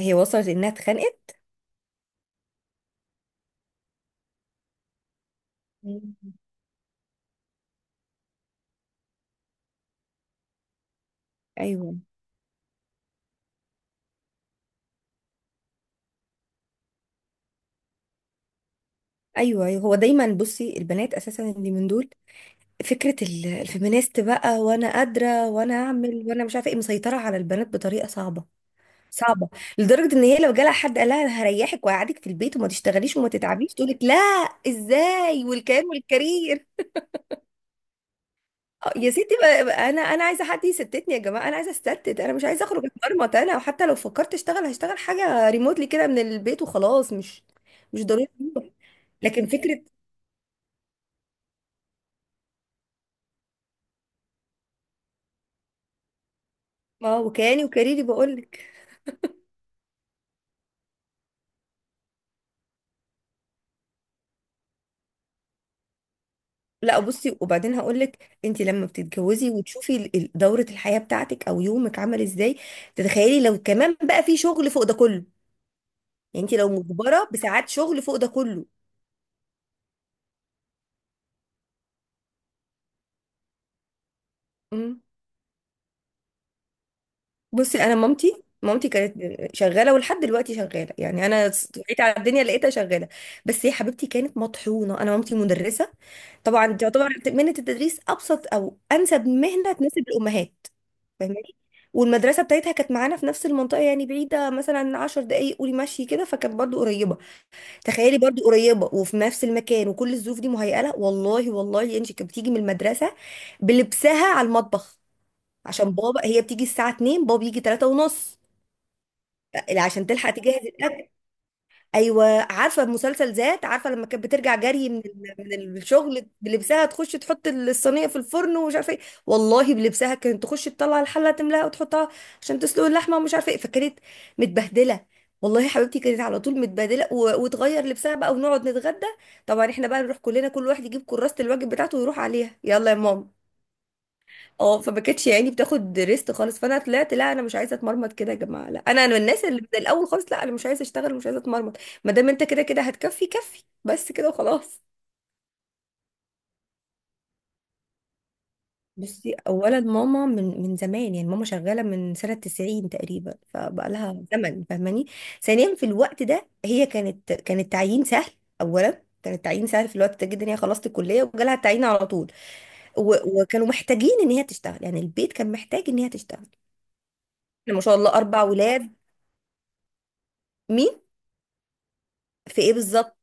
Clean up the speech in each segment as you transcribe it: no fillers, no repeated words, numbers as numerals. هي وصلت انها اتخانقت. مم. ايوه، ايوه، ايوه، هو دايما. بصي، البنات اساسا اللي من دول فكره الفيمينيست بقى، وانا قادره وانا اعمل وانا مش عارفه ايه، مسيطره على البنات بطريقه صعبه، صعبه، لدرجه ان هي لو جالها حد قال لها "أنا هريحك وهقعدك في البيت وما تشتغليش وما تتعبيش" تقول لك لا، ازاي والكيان والكارير؟ يا ستي، بقى انا عايزه حد يستتني. يا جماعه، انا عايزه استتت، انا مش عايزه اخرج اتمرمط انا، وحتى لو فكرت اشتغل هشتغل حاجه ريموتلي كده من البيت وخلاص، مش ضروري لكن فكره. اه، وكياني وكاريري بقول لك. لا بصي، وبعدين هقول لك، انت لما بتتجوزي وتشوفي دوره الحياه بتاعتك او يومك عامل ازاي، تتخيلي لو كمان بقى في شغل فوق ده كله؟ يعني انت لو مجبره بساعات شغل فوق ده كله. مم. بصي، انا مامتي كانت شغاله ولحد دلوقتي شغاله، يعني انا وعيت على الدنيا لقيتها شغاله. بس يا حبيبتي كانت مطحونه. انا مامتي مدرسه، طبعا تعتبر مهنه التدريس ابسط او انسب مهنه تناسب الامهات، فاهماني؟ والمدرسة بتاعتها كانت معانا في نفس المنطقة، يعني بعيدة مثلا 10 دقايق، قولي مشي كده، فكانت برضو قريبة. تخيلي، برضو قريبة وفي نفس المكان وكل الظروف دي مهيئة لها، والله والله، انت كانت بتيجي من المدرسة بلبسها على المطبخ عشان بابا، هي بتيجي الساعة 2، بابا بيجي 3 ونص، عشان تلحق تجهز الأكل. ايوه. عارفه المسلسل "ذات"؟ عارفه لما كانت بترجع جري من من الشغل بلبسها تخش تحط الصينيه في الفرن ومش عارفه ايه؟ والله بلبسها كانت تخش تطلع الحله تملاها وتحطها عشان تسلق اللحمه ومش عارفه ايه، فكانت متبهدله. والله حبيبتي كانت على طول متبهدله وتغير لبسها بقى ونقعد نتغدى. طبعا احنا بقى نروح كلنا، كل واحد يجيب كراسه الواجب بتاعته ويروح عليها "يلا يا ماما". اه، فما كانتش يعني بتاخد ريست خالص. فانا طلعت لا لا، انا مش عايزه اتمرمط كده يا جماعه. لا، انا من الناس اللي من الاول خالص، لا انا مش عايزه اشتغل، مش عايزه اتمرمط. ما دام انت كده كده هتكفي، كفي بس كده وخلاص. بصي، اولا ماما من زمان، يعني ماما شغاله من سنه 90 تقريبا، فبقى لها زمن، فاهماني؟ ثانيا في الوقت ده هي كانت، كان التعيين سهل. اولا كان التعيين سهل في الوقت ده جدا، هي خلصت الكليه وجالها التعيين على طول، وكانوا محتاجين ان هي تشتغل. يعني البيت كان محتاج ان هي تشتغل، إحنا ما شاء الله اربع ولاد. مين؟ في ايه بالظبط؟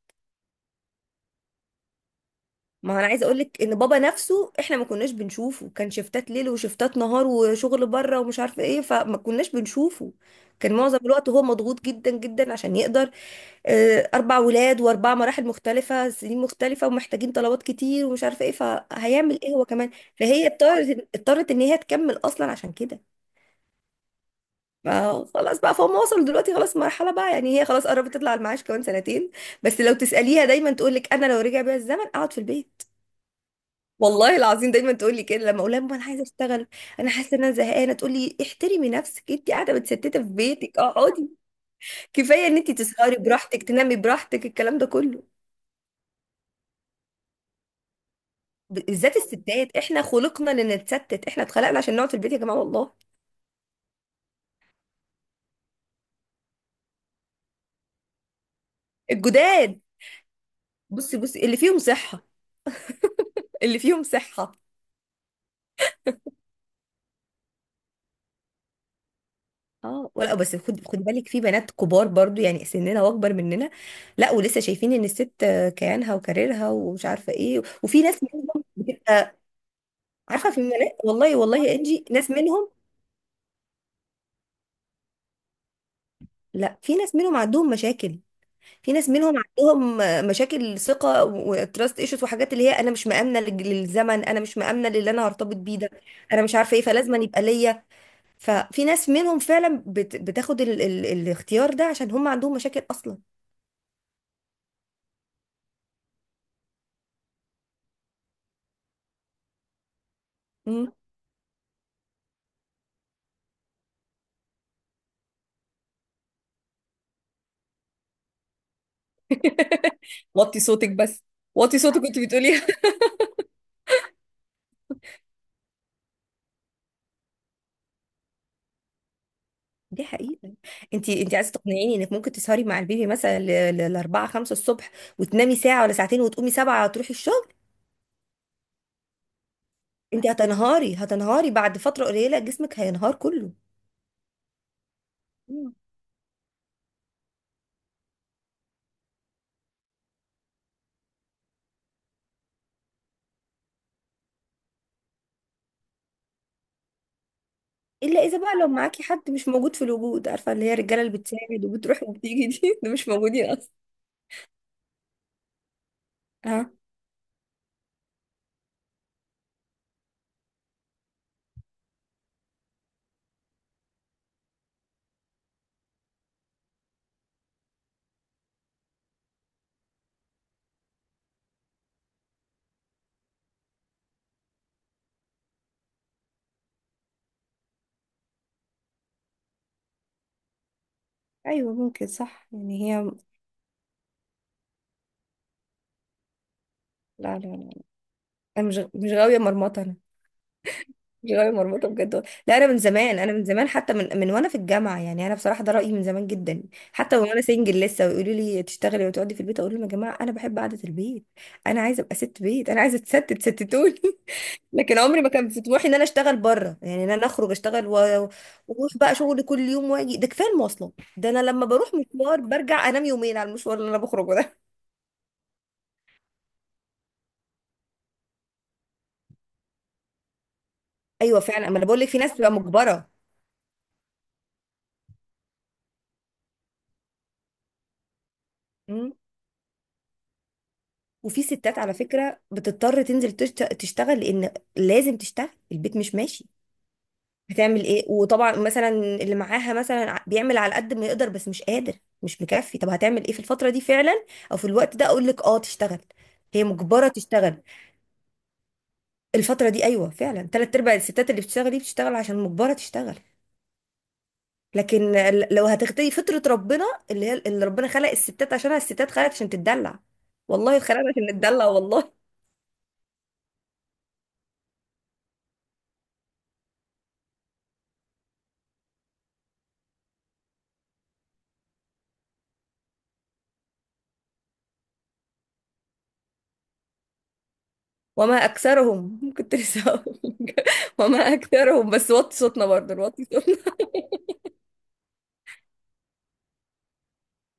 ما هو انا عايزه اقول لك ان بابا نفسه احنا ما كناش بنشوفه، كان شفتات ليل وشفتات نهار وشغل بره ومش عارفه ايه، فما كناش بنشوفه. كان معظم الوقت هو مضغوط جدا جدا عشان يقدر، اربع ولاد واربع مراحل مختلفه، سنين مختلفه ومحتاجين طلبات كتير ومش عارفه ايه، فهيعمل ايه هو كمان؟ فهي اضطرت ان هي تكمل اصلا عشان كده. فخلاص بقى فهم، وصلوا دلوقتي خلاص مرحله، بقى يعني هي خلاص قربت تطلع على المعاش كمان سنتين. بس لو تساليها دايما تقول لك "انا لو رجع بيا الزمن اقعد في البيت". والله العظيم دايما تقول لي كده، لما اقول لها "يا ماما انا عايزه اشتغل، انا حاسه ان انا زهقانه" تقول لي "احترمي نفسك، انت قاعده متستته في بيتك، اقعدي، كفايه ان انت تسهري براحتك، تنامي براحتك الكلام ده كله". بالذات الستات، احنا خلقنا لنتستت، احنا اتخلقنا عشان نقعد في البيت يا جماعه والله. الجداد، بصي اللي فيهم صحه، اللي فيهم صحه. اه ولا بس، خد بالك، في بنات كبار برضو يعني سننا واكبر مننا، لا ولسه شايفين ان الست كيانها وكاريرها ومش عارفه ايه، وفي ناس منهم. عارفه في والله والله يا انجي ناس منهم. لا في ناس منهم عندهم مشاكل، في ناس منهم عندهم مشاكل ثقه وتراست ايشوز وحاجات، اللي هي انا مش مامنه للزمن، انا مش مامنه للي انا هرتبط بيه ده، انا مش عارفه ايه، فلازم يبقى ليا. ففي ناس منهم فعلا بتاخد الاختيار ده عشان هم عندهم مشاكل اصلا. مم. وطي صوتك بس، وطي صوتك كنت بتقوليها دي حقيقة. انت عايزة تقنعيني انك ممكن تسهري مع البيبي مثلا لأربعة خمسة الصبح وتنامي ساعة ولا ساعتين وتقومي سبعة تروحي الشغل؟ انت هتنهاري، هتنهاري بعد فترة قليلة، جسمك هينهار كله. مم. الا اذا بقى لو معاكي حد مش موجود في الوجود، عارفة اللي هي الرجالة اللي بتساعد وبتروح وبتيجي دي ده مش موجودين اصلا. اه ايوه ممكن صح، يعني هي لا لا لا، انا مش غاوية مرمطة انا، مش غاوية مرمطة بجد والله. لا، انا من زمان، انا من زمان، حتى من وانا في الجامعة، يعني انا بصراحة ده رأيي من زمان جدا. حتى وانا سنجل لسه ويقولوا لي تشتغلي وتقعدي في البيت، اقول لهم "يا جماعة انا بحب قعدة البيت، انا عايزة ابقى ست بيت، انا عايزة اتستت، ستتوني" لكن عمري ما كان في طموحي ان انا اشتغل بره، يعني ان انا اخرج اشتغل واروح بقى شغل كل يوم واجي، ده كفايه المواصلات، ده انا لما بروح مشوار برجع انام يومين على المشوار اللي انا بخرجه ده. ايوه فعلا. اما انا بقول لك في ناس بتبقى مجبره. أمم. وفي ستات على فكره بتضطر تنزل تشتغل، لان لازم تشتغل، البيت مش ماشي، هتعمل ايه؟ وطبعا مثلا اللي معاها مثلا بيعمل على قد ما يقدر بس مش قادر، مش مكفي، طب هتعمل ايه في الفتره دي فعلا؟ او في الوقت ده اقول لك اه تشتغل، هي مجبره تشتغل. الفترة دي أيوة فعلا، تلات أرباع الستات اللي بتشتغل دي بتشتغل عشان مجبرة تشتغل. لكن لو هتغتدي فطرة ربنا، اللي هي اللي ربنا خلق الستات عشانها، الستات خلقت عشان تتدلع، والله اتخلقنا عشان نتدلع والله. وما أكثرهم كنت لسه هقول لك. وما أكثرهم، بس وطي صوتنا برضه، نوطي صوتنا.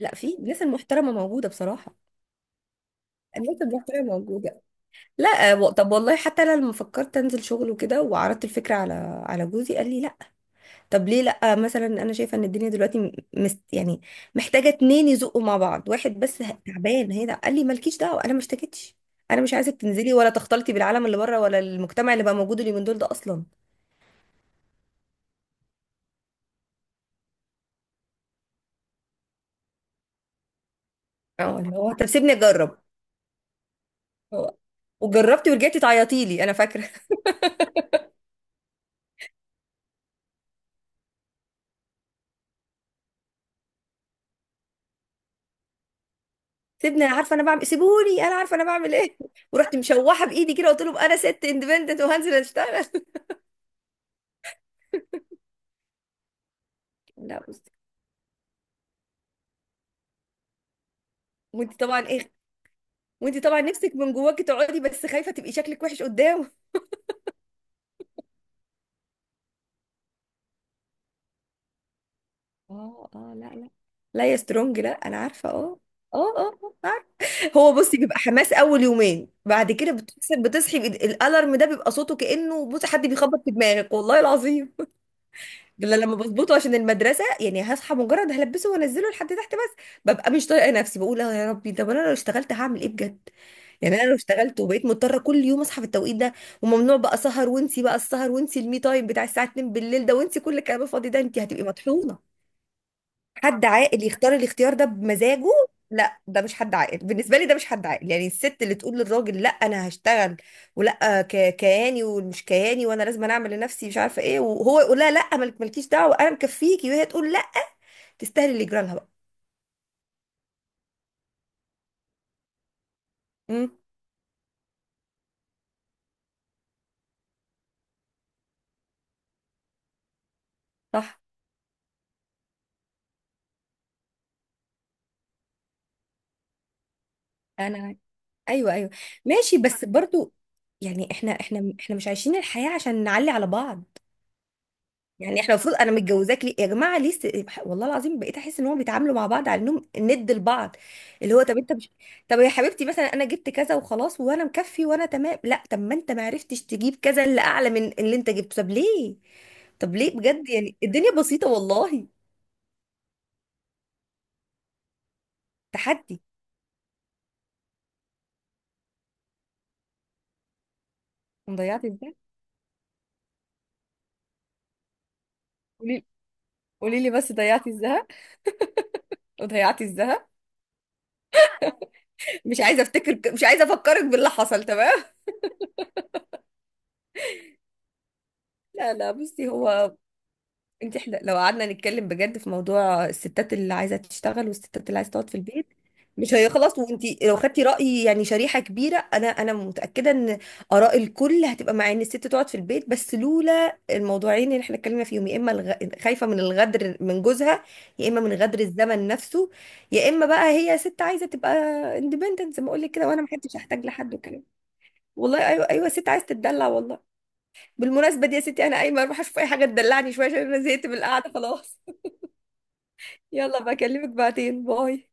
لا، في الناس المحترمة موجودة بصراحة، الناس المحترمة موجودة. لا، طب والله حتى أنا لما فكرت أنزل شغل وكده وعرضت الفكرة على على جوزي قال لي لا. طب ليه لأ؟ مثلا أنا شايفة إن الدنيا دلوقتي مست يعني، محتاجة اتنين يزقوا مع بعض، واحد بس تعبان هي. ده قال لي مالكيش دعوة، أنا ما اشتكيتش، أنا مش عايزك تنزلي ولا تختلطي بالعالم اللي بره ولا المجتمع اللي بقى موجود اليومين دول ده أصلا". اه، اللي هو طب سيبني أجرب. هو- وجربتي ورجعتي تعيطي لي، أنا فاكرة سيبني أنا عارفة أنا بعمل، سيبوني أنا عارفة أنا بعمل إيه ورحت مشوحة بإيدي كده، قلت لهم أنا ست اندبندنت وهنزل أشتغل لا بصي، وأنت طبعا إيه، وأنت طبعا نفسك من جواكي تقعدي بس خايفة تبقي شكلك وحش قدام. اه اه، لا لا، لا يا سترونج، لا انا عارفه. اه اه اه، عارفة. هو، بصي، بيبقى حماس اول يومين، بعد كده بتصحي الالارم ده بيبقى صوته كانه بصي حد بيخبط في دماغك والله العظيم. ده لما بظبطه عشان المدرسه يعني هصحى مجرد هلبسه وانزله لحد تحت بس، ببقى مش طايقه نفسي، بقول "اه يا ربي، طب انا لو اشتغلت هعمل ايه بجد؟". يعني انا لو اشتغلت وبقيت مضطره كل يوم اصحى في التوقيت ده، وممنوع بقى سهر، وانسي بقى السهر، وانسي المي تايم بتاع الساعه 2 بالليل ده، وانسي كل الكلام الفاضي ده، انت هتبقي مطحونه. حد عاقل يختار الاختيار ده بمزاجه؟ لا، ده مش حد عاقل بالنسبه لي، ده مش حد عاقل. يعني الست اللي تقول للراجل "لا انا هشتغل" ولا كياني ومش كياني، وانا لازم أنا اعمل لنفسي مش عارفه ايه، وهو يقول لها لا مالك مالكيش دعوه انا مكفيكي، وهي تقول لا، تستاهلي اللي يجرى لها بقى. امم، صح. انا ايوه ايوه، ماشي بس برضو، يعني احنا مش عايشين الحياة عشان نعلي على بعض. يعني احنا المفروض، انا متجوزاك ليه يا جماعه؟ ليه والله العظيم بقيت احس ان هم بيتعاملوا مع بعض على انهم ند لبعض. اللي هو طب انت مش، طب يا حبيبتي مثلا انا جبت كذا وخلاص وانا مكفي وانا تمام، لا طب ما انت ما عرفتش تجيب كذا اللي اعلى من اللي انت جبته، طب ليه؟ طب ليه بجد؟ يعني الدنيا بسيطه والله. تحدي، ضيعتي الذهب. قولي قولي لي بس، ضيعتي الذهب، وضيعتي الذهب. مش عايزه افتكر، مش عايزه افكرك باللي حصل، تمام؟ لا لا بصي، هو احنا لو قعدنا نتكلم بجد في موضوع الستات اللي عايزه تشتغل والستات اللي عايزه تقعد في البيت مش هيخلص. وانت لو خدتي راي يعني شريحه كبيره، انا متاكده ان اراء الكل هتبقى مع ان الست تقعد في البيت، بس لولا الموضوعين اللي احنا اتكلمنا فيهم، يا اما خايفه من الغدر من جوزها، يا اما من غدر الزمن نفسه، يا اما بقى هي ست عايزه تبقى اندبندنت زي ما اقول لك كده، وانا ما حدش هحتاج لحد وكلام. والله ايوه ايوه، ست عايزه تتدلع والله. بالمناسبة دي يا ستي، أنا قايمة أروح أشوف أي حاجة تدلعني شوية عشان أنا زهقت من القعدة خلاص. يلا بكلمك بعدين، باي.